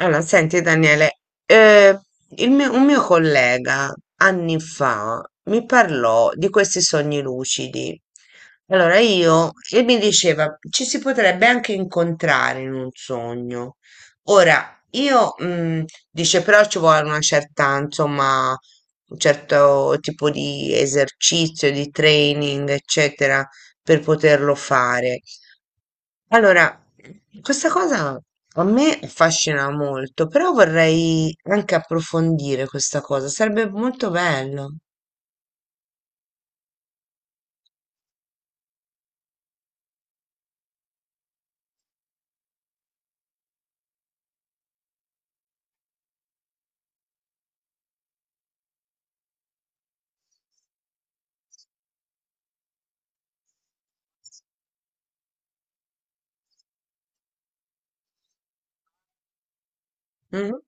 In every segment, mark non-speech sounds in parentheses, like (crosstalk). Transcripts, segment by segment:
Allora, senti Daniele, eh, il mio- un mio collega anni fa mi parlò di questi sogni lucidi. E mi diceva, ci si potrebbe anche incontrare in un sogno. Ora, dice, però ci vuole una certa, insomma, un certo tipo di esercizio, di training, eccetera, per poterlo fare. Allora, questa cosa a me affascina molto, però vorrei anche approfondire questa cosa, sarebbe molto bello. Mm?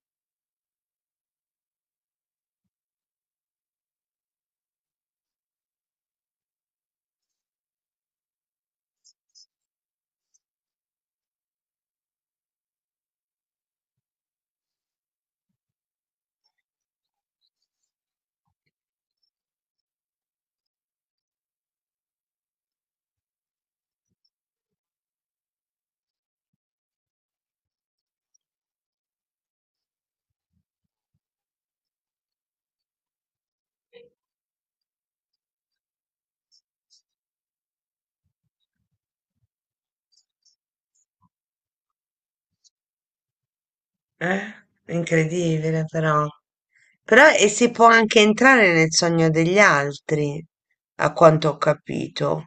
Eh? Incredibile, però. Però si può anche entrare nel sogno degli altri, a quanto ho capito.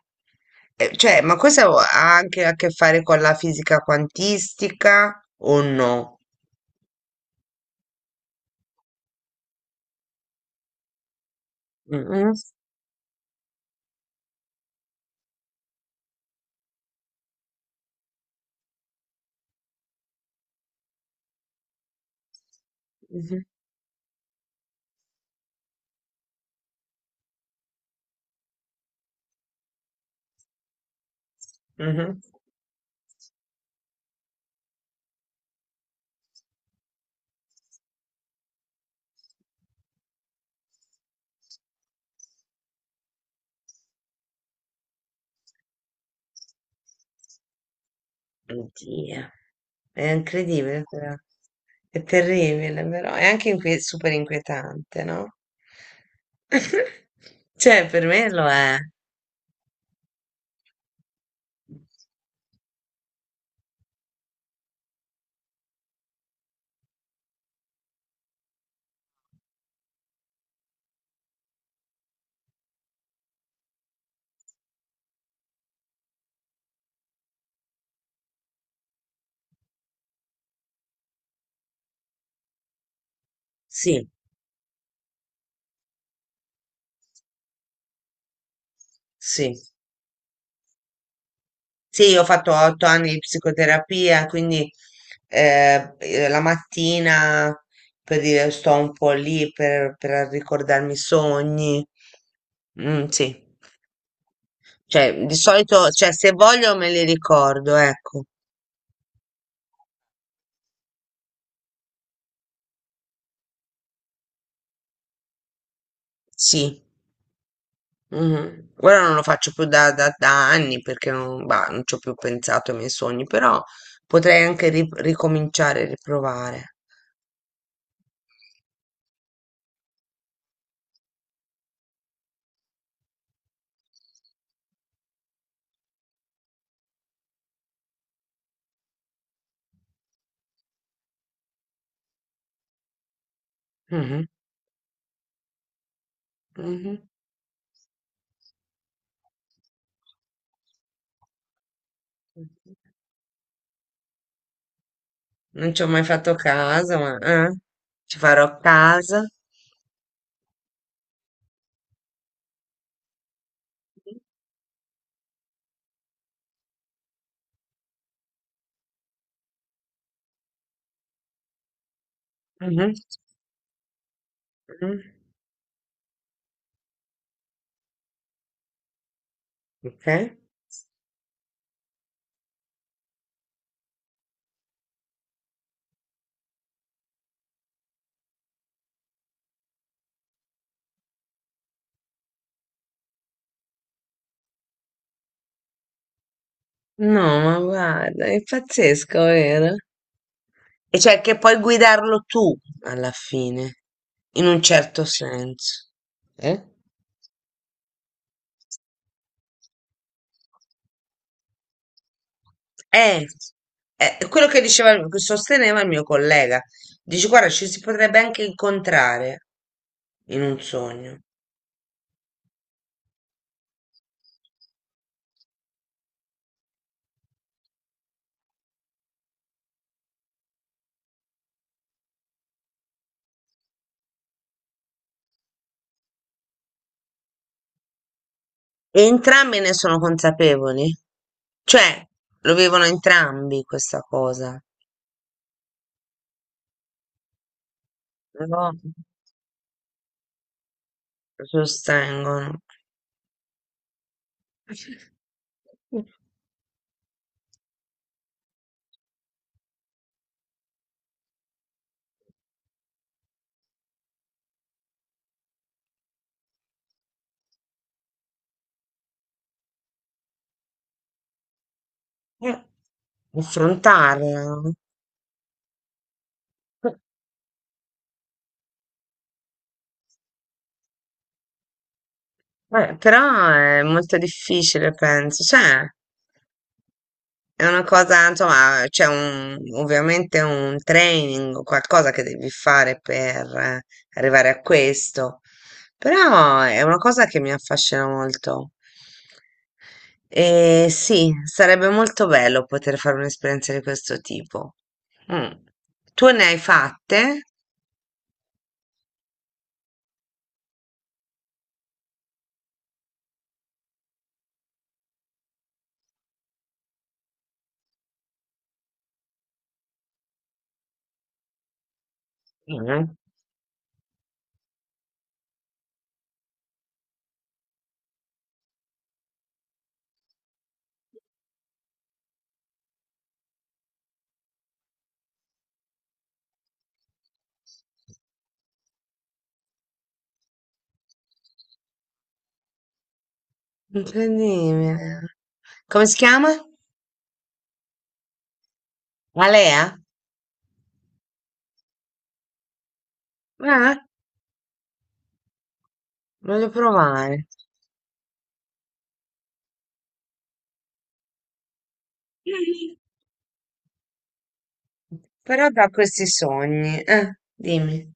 Cioè, ma questo ha anche a che fare con la fisica quantistica o no? Mm-mm. Mhm. Mhm. Oddio, è incredibile, però. È terribile, però è anche inquie- super inquietante, no? (laughs) Cioè, per me lo è. Sì, sì. Sì, io ho fatto 8 anni di psicoterapia, quindi la mattina per dire, sto un po' lì per ricordarmi i sogni. Mm, sì, cioè, se voglio me li ricordo, ecco, sì. Mhm. Ora non lo faccio più da anni perché non, bah, non ci ho più pensato ai miei sogni, però potrei anche ri- ricominciare, riprovare. Mhm, mhm. Non ci ho mai fatto caso, ma ci farò caso. Mhm, mhm. Ok. No, ma guarda, è pazzesco, vero? E cioè che puoi guidarlo tu alla fine, in un certo senso. Eh? Eh, è quello che diceva, che sosteneva il mio collega. Dice, guarda, ci si potrebbe anche incontrare in un sogno. E entrambi ne sono consapevoli. Cioè, lo vivono entrambi questa cosa. Però sostengono. Eh, affrontarla, no? Però è molto difficile, penso. Cioè, è una cosa, insomma, ovviamente un training o qualcosa che devi fare per arrivare a questo, però è una cosa che mi affascina molto. E sì, sarebbe molto bello poter fare un'esperienza di questo tipo. Mm. Tu ne hai fatte? Mm. Incredibile. Come si chiama? Alea? Eh, voglio provare. (laughs) Però da questi sogni, dimmi.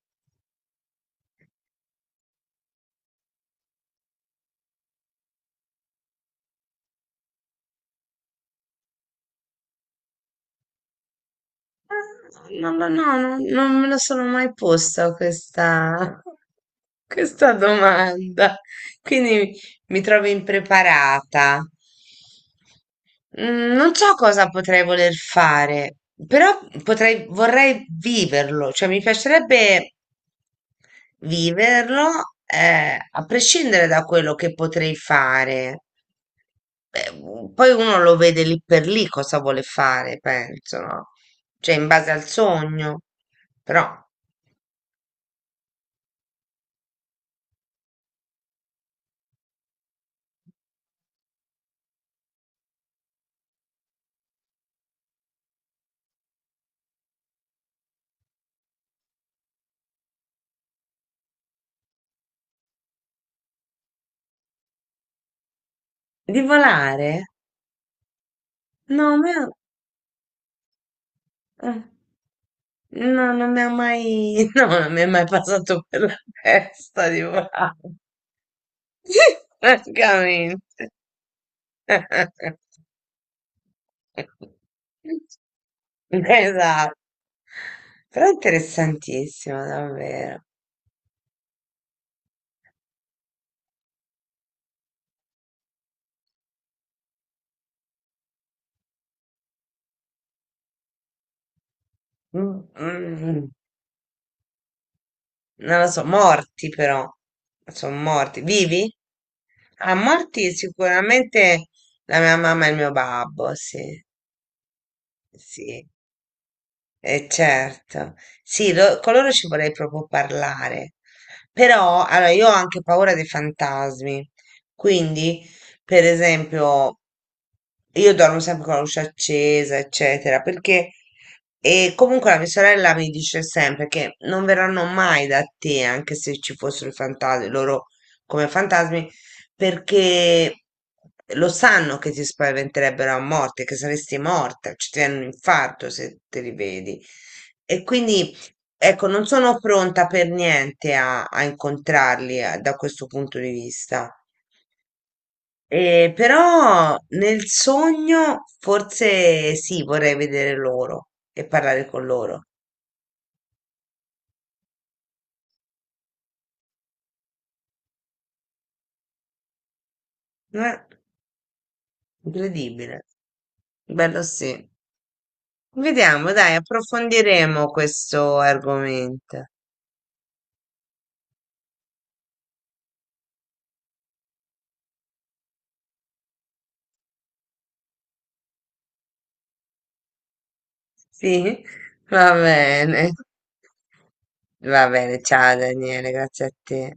Non me lo sono mai posta (laughs) questa domanda, quindi mi trovo impreparata. Mm, non so cosa potrei voler fare, vorrei viverlo, cioè mi piacerebbe viverlo, a prescindere da quello che potrei fare, poi uno lo vede lì per lì cosa vuole fare, penso, no? Cioè, in base al sogno, però di volare? No, a me- eh, no, non mi ha mai, (laughs) no, non mi è mai passato per la testa di volare, (laughs) francamente. (laughs) Esatto. Però è interessantissimo, davvero. Mm, mm, mm. Non lo so, morti però. Sono morti. Vivi? Ah, morti sicuramente la mia mamma e il mio babbo, sì, sì. Certo, sì, con loro ci vorrei proprio parlare, però allora, io ho anche paura dei fantasmi, quindi per esempio io dormo sempre con la luce accesa, eccetera, perché e comunque la mia sorella mi dice sempre che non verranno mai da te, anche se ci fossero i fantasmi, loro come fantasmi, perché lo sanno che ti spaventerebbero a morte, che saresti morta, ci ti viene un infarto se te li vedi. E quindi, ecco, non sono pronta per niente a incontrarli da questo punto di vista. Però nel sogno forse sì, vorrei vedere loro e parlare con loro. Eh, incredibile. Bello sì. Vediamo, dai, approfondiremo questo argomento. Sì, va bene. Va bene, ciao Daniele, grazie a te.